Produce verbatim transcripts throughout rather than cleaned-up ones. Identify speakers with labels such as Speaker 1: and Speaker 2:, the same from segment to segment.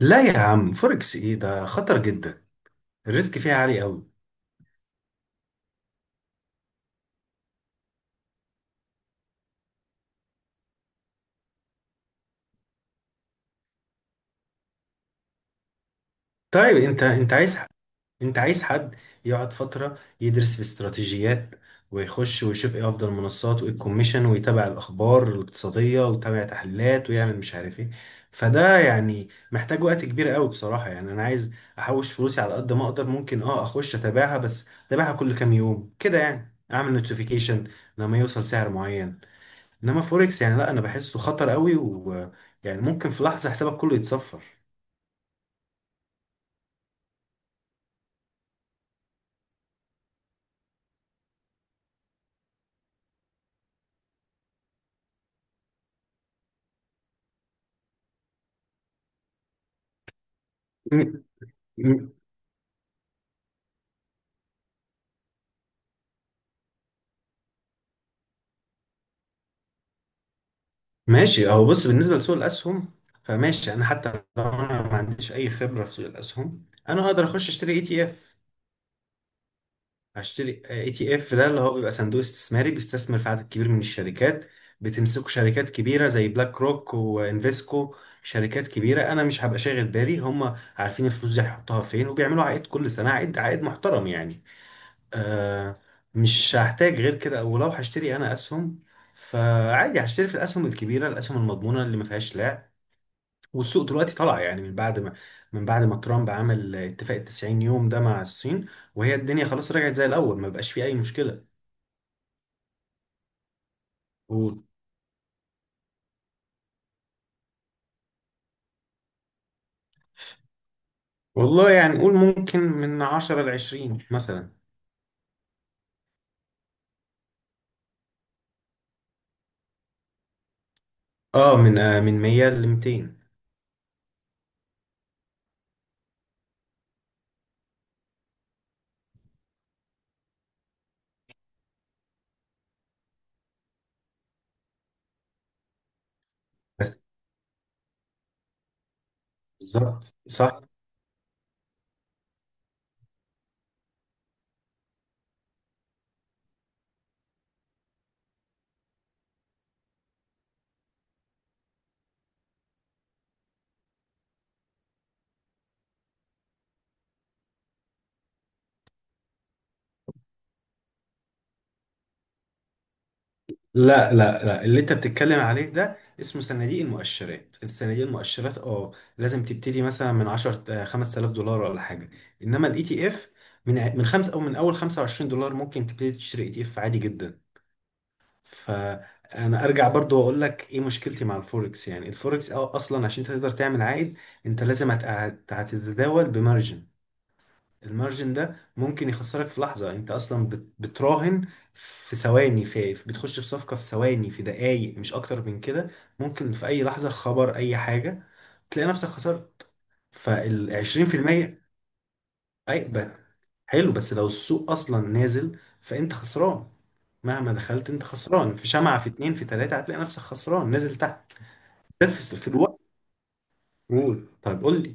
Speaker 1: لا يا عم، فوركس ايه ده؟ خطر جدا. الريسك فيها عالي قوي. طيب انت انت عايز ح- انت عايز حد يقعد فترة يدرس في استراتيجيات، ويخش ويشوف ايه افضل منصات وايه الكوميشن، ويتابع الاخبار الاقتصادية ويتابع تحليلات ويعمل مش عارف ايه. فده يعني محتاج وقت كبير قوي بصراحة، يعني انا عايز احوش فلوسي على قد ما اقدر. ممكن اه اخش اتابعها، بس اتابعها كل كام يوم كده، يعني اعمل نوتيفيكيشن لما يوصل سعر معين. انما فوركس يعني لا، انا بحسه خطر قوي، ويعني ممكن في لحظه حسابك كله يتصفر. م- م- ماشي اهو، بص، بالنسبه لسوق الاسهم فماشي. انا حتى لو انا ما عنديش اي خبره في سوق الاسهم، انا اقدر اخش اشتري اي تي اف. اشتري اي تي اف ده اللي هو بيبقى صندوق استثماري بيستثمر في عدد كبير من الشركات. بتمسكه شركات كبيره زي بلاك روك وانفيسكو. شركات كبيره، انا مش هبقى شاغل بالي، هم عارفين الفلوس دي هيحطوها فين، وبيعملوا عائد كل سنه، عائد عائد محترم يعني. آه مش هحتاج غير كده. ولو هشتري انا اسهم، فعادي هشتري في الاسهم الكبيره، الاسهم المضمونه اللي ما فيهاش لعب. والسوق دلوقتي طلع يعني من بعد ما من بعد ما ترامب عمل اتفاق ال 90 يوم ده مع الصين، وهي الدنيا خلاص رجعت زي الاول، ما بقاش فيه اي مشكله. قول؟ والله يعني قول ممكن من عشرة ل عشرين مثلا. اه من آه من مية ل ميتين. بس بالظبط صح. لا لا لا، اللي انت بتتكلم عليه ده اسمه صناديق المؤشرات. الصناديق المؤشرات اه لازم تبتدي مثلا من عشرة خمس تلاف دولار ولا حاجه. انما الاي تي اف، من ع- من خمس او من اول خمسة وعشرين دولار ممكن تبتدي تشتري اي تي اف عادي جدا. فانا ارجع برضو واقول لك ايه مشكلتي مع الفوركس. يعني الفوركس اه اصلا عشان تقدر تعمل عائد، انت لازم هت- هت- هتتداول بمارجن. المارجن ده ممكن يخسرك في لحظة، يعني انت اصلا بت- بتراهن في ثواني، في في- بتخش في صفقة في ثواني، في دقايق مش اكتر من كده. ممكن في اي لحظة، خبر، اي حاجة، تلاقي نفسك خسرت فال عشرين في المية. اي ب- حلو، بس لو السوق اصلا نازل فانت خسران، مهما دخلت انت خسران، في شمعة، في اتنين، في تلاتة، هتلاقي نفسك خسران نازل تحت. ده في في الوقت. قول، طيب قول لي.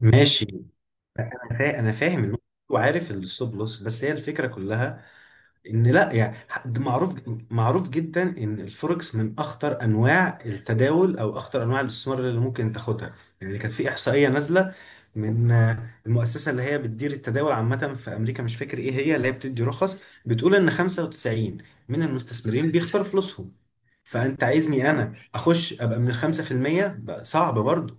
Speaker 1: ماشي، انا فاهم انا فاهم النقطة. وعارف الستوب لوس. بس هي الفكرة كلها ان لا يعني، ده معروف. معروف جدا ان الفوركس من اخطر انواع التداول، او اخطر انواع الاستثمار اللي ممكن تاخدها. يعني كانت في احصائيه نازله من آه، المؤسسه اللي هي بتدير التداول عامه في امريكا، مش فاكر ايه هي اللي هي بتدي رخص، بتقول ان خمسة وتسعين من المستثمرين بيخسروا فلوسهم. فانت عايزني انا اخش ابقى من ال خمسة في المية، بقى صعب برضه.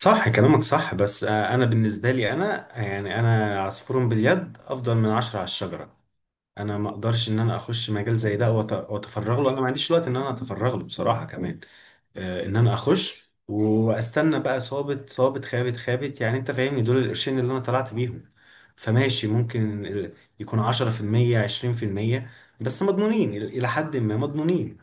Speaker 1: صح، كلامك صح. بس آه، انا بالنسبه لي، انا يعني، انا عصفور باليد افضل من عشرة على الشجره. انا ما اقدرش ان انا اخش مجال زي ده وأت- واتفرغ له. انا ما عنديش وقت ان انا اتفرغ له بصراحه كمان. آه ان انا اخش واستنى بقى صابت صابت خابت خابت يعني. انت فاهمني، دول القرشين اللي انا طلعت بيهم. فماشي، ممكن ال- يكون عشرة في المية عشرين في المية، بس مضمونين، ال- الى حد ما مضمونين.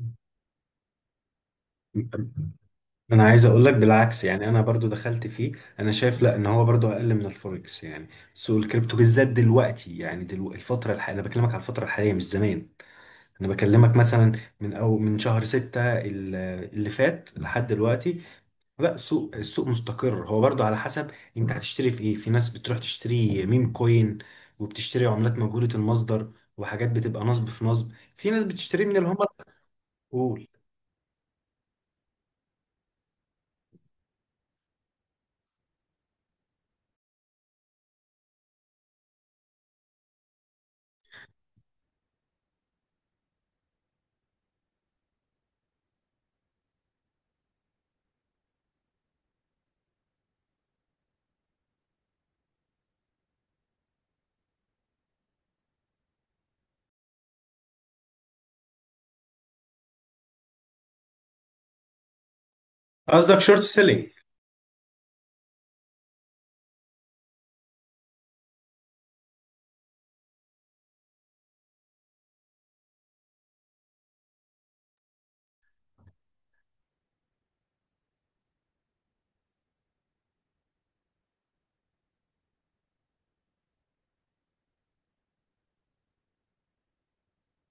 Speaker 1: يعني انا عايز اقول لك بالعكس. يعني انا برضو دخلت فيه. انا شايف لا، ان هو برضو اقل من الفوركس يعني. سوق الكريبتو بالذات دلوقتي يعني، دلوقتي الفتره الحاليه، انا بكلمك على الفتره الحاليه مش زمان. انا بكلمك مثلا من او من شهر ستة ال- اللي فات لحد دلوقتي. لا، السوق السوق مستقر، هو برضو على حسب. انت هتشتري في ايه؟ في ناس بتروح تشتري ميم كوين، وبتشتري عملات مجهولة المصدر وحاجات بتبقى نصب في نصب. في ناس بتشتري من اللي هم الأقول. قصدك شورت سيلينج؟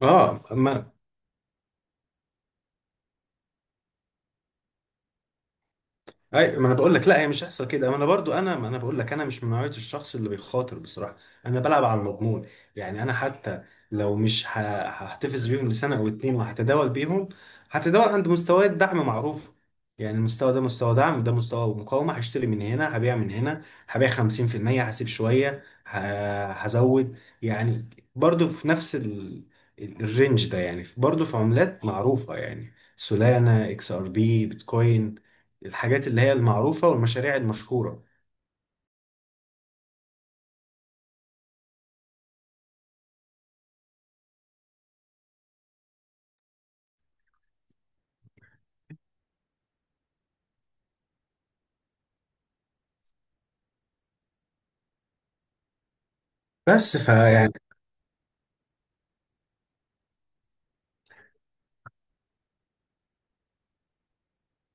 Speaker 1: اه. اي، ما انا بقول لك لا هي مش هيحصل كده. ما انا برضو انا، ما انا بقول لك انا مش من نوعيه الشخص اللي بيخاطر بصراحه. انا بلعب على المضمون. يعني انا حتى لو مش ه- هحتفظ بيهم لسنه او اتنين وهتداول بيهم. هتداول عند مستويات دعم معروفه. يعني المستوى ده مستوى دعم، ده مستوى مقاومه. هشتري من هنا، هبيع من هنا، هبيع خمسين في المية، هسيب شويه، ه- هزود يعني. برضو في نفس ال... ال- الرينج ده يعني. برضو في عملات معروفه يعني، سولانا، اكس ار بي، بيتكوين، الحاجات اللي هي المعروفة والمشاريع المشهورة. بس فيعني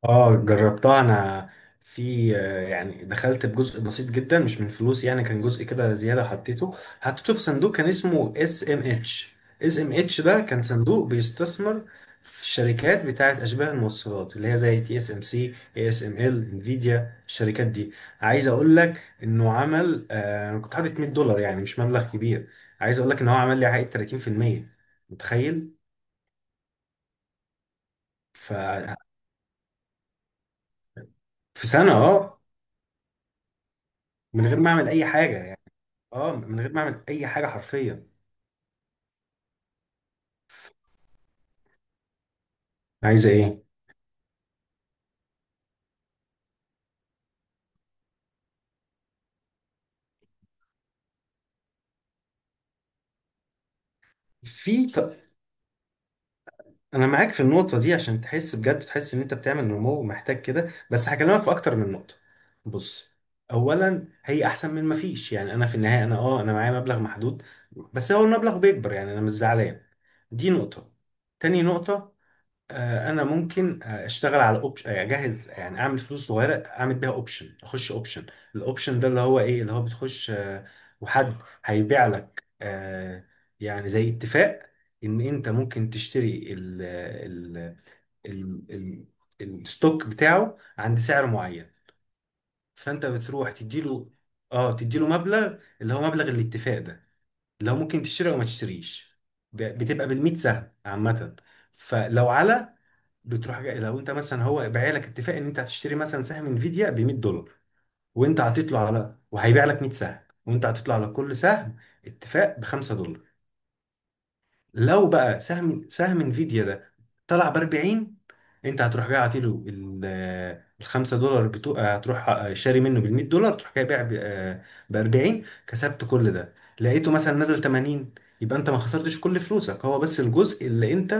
Speaker 1: اه جربتها انا. في آه، يعني دخلت بجزء بسيط جدا مش من فلوس، يعني كان جزء كده زيادة حطيته. حطيته في صندوق كان اسمه اس ام اتش. اس ام اتش ده كان صندوق بيستثمر في الشركات بتاعت اشباه الموصلات اللي هي زي تي اس ام سي، اي اس ام ال، انفيديا، الشركات دي. عايز اقول لك انه عمل، آه، انا كنت حاطط مية دولار يعني، مش مبلغ كبير. عايز اقول لك ان هو عمل لي عائد تلاتين في المية، متخيل؟ ف في سنة، اه من غير ما اعمل اي حاجة يعني. اه من غير ما اعمل اي حاجة حرفيا. عايزة ايه؟ في ط... انا معاك في النقطة دي. عشان تحس بجد، تحس ان انت بتعمل نمو ومحتاج كده، بس هكلمك في اكتر من نقطة. بص، اولا هي احسن من ما فيش. يعني انا في النهاية انا، اه انا معايا مبلغ محدود، بس هو المبلغ بيكبر، يعني انا مش زعلان. دي نقطة. تاني نقطة، آه، انا ممكن آه، اشتغل على اوبشن اجهز يعني، اعمل فلوس صغيره اعمل بيها اوبشن، اخش اوبشن. الاوبشن ده اللي هو ايه، اللي هو بتخش آه، وحد هيبيع لك، آه، يعني زي اتفاق، ان انت ممكن تشتري ال ال ال ال الستوك بتاعه عند سعر معين. فانت بتروح تديله، اه تديله مبلغ اللي هو مبلغ الاتفاق ده. لو ممكن تشتري او ما تشتريش، ب- بتبقى بالميت سهم عامه. فلو على، بتروح جاي، لو انت مثلا هو بايع لك اتفاق ان انت هتشتري مثلا سهم انفيديا ب مئة دولار، وانت هتطلع على، وهيبيع لك مية سهم، وانت هتطلع على كل سهم اتفاق ب خمسة دولار. لو بقى سهم سهم انفيديا ده طلع ب اربعين، انت هتروح جاي عاطيله ال خمسة دولار بتوع، هتروح آه، شاري منه بال مئة دولار، تروح جاي بايع ب اربعين، كسبت كل ده. لقيته مثلا نزل تمانين، يبقى انت ما خسرتش كل فلوسك، هو بس الجزء اللي انت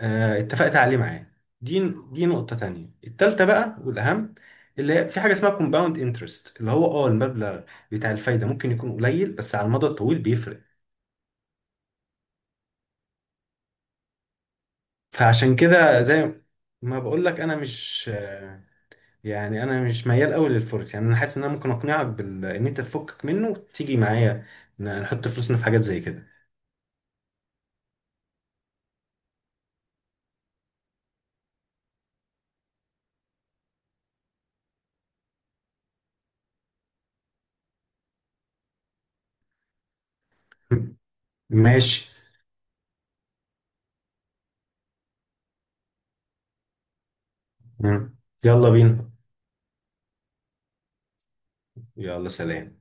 Speaker 1: آه، اتفقت عليه معاه. دي دي نقطة تانية. التالتة بقى والأهم، اللي هي في حاجة اسمها كومباوند انترست، اللي هو اه المبلغ بتاع الفايدة ممكن يكون قليل بس على المدى الطويل بيفرق. فعشان كده زي ما بقول لك انا مش، يعني انا مش ميال قوي للفوركس يعني. انا حاسس ان انا ممكن اقنعك بال... ان انت تفكك منه وتيجي معايا ن- نحط فلوسنا في حاجات زي كده. ماشي خلاص. مم. يلا بينا. يلا سلام.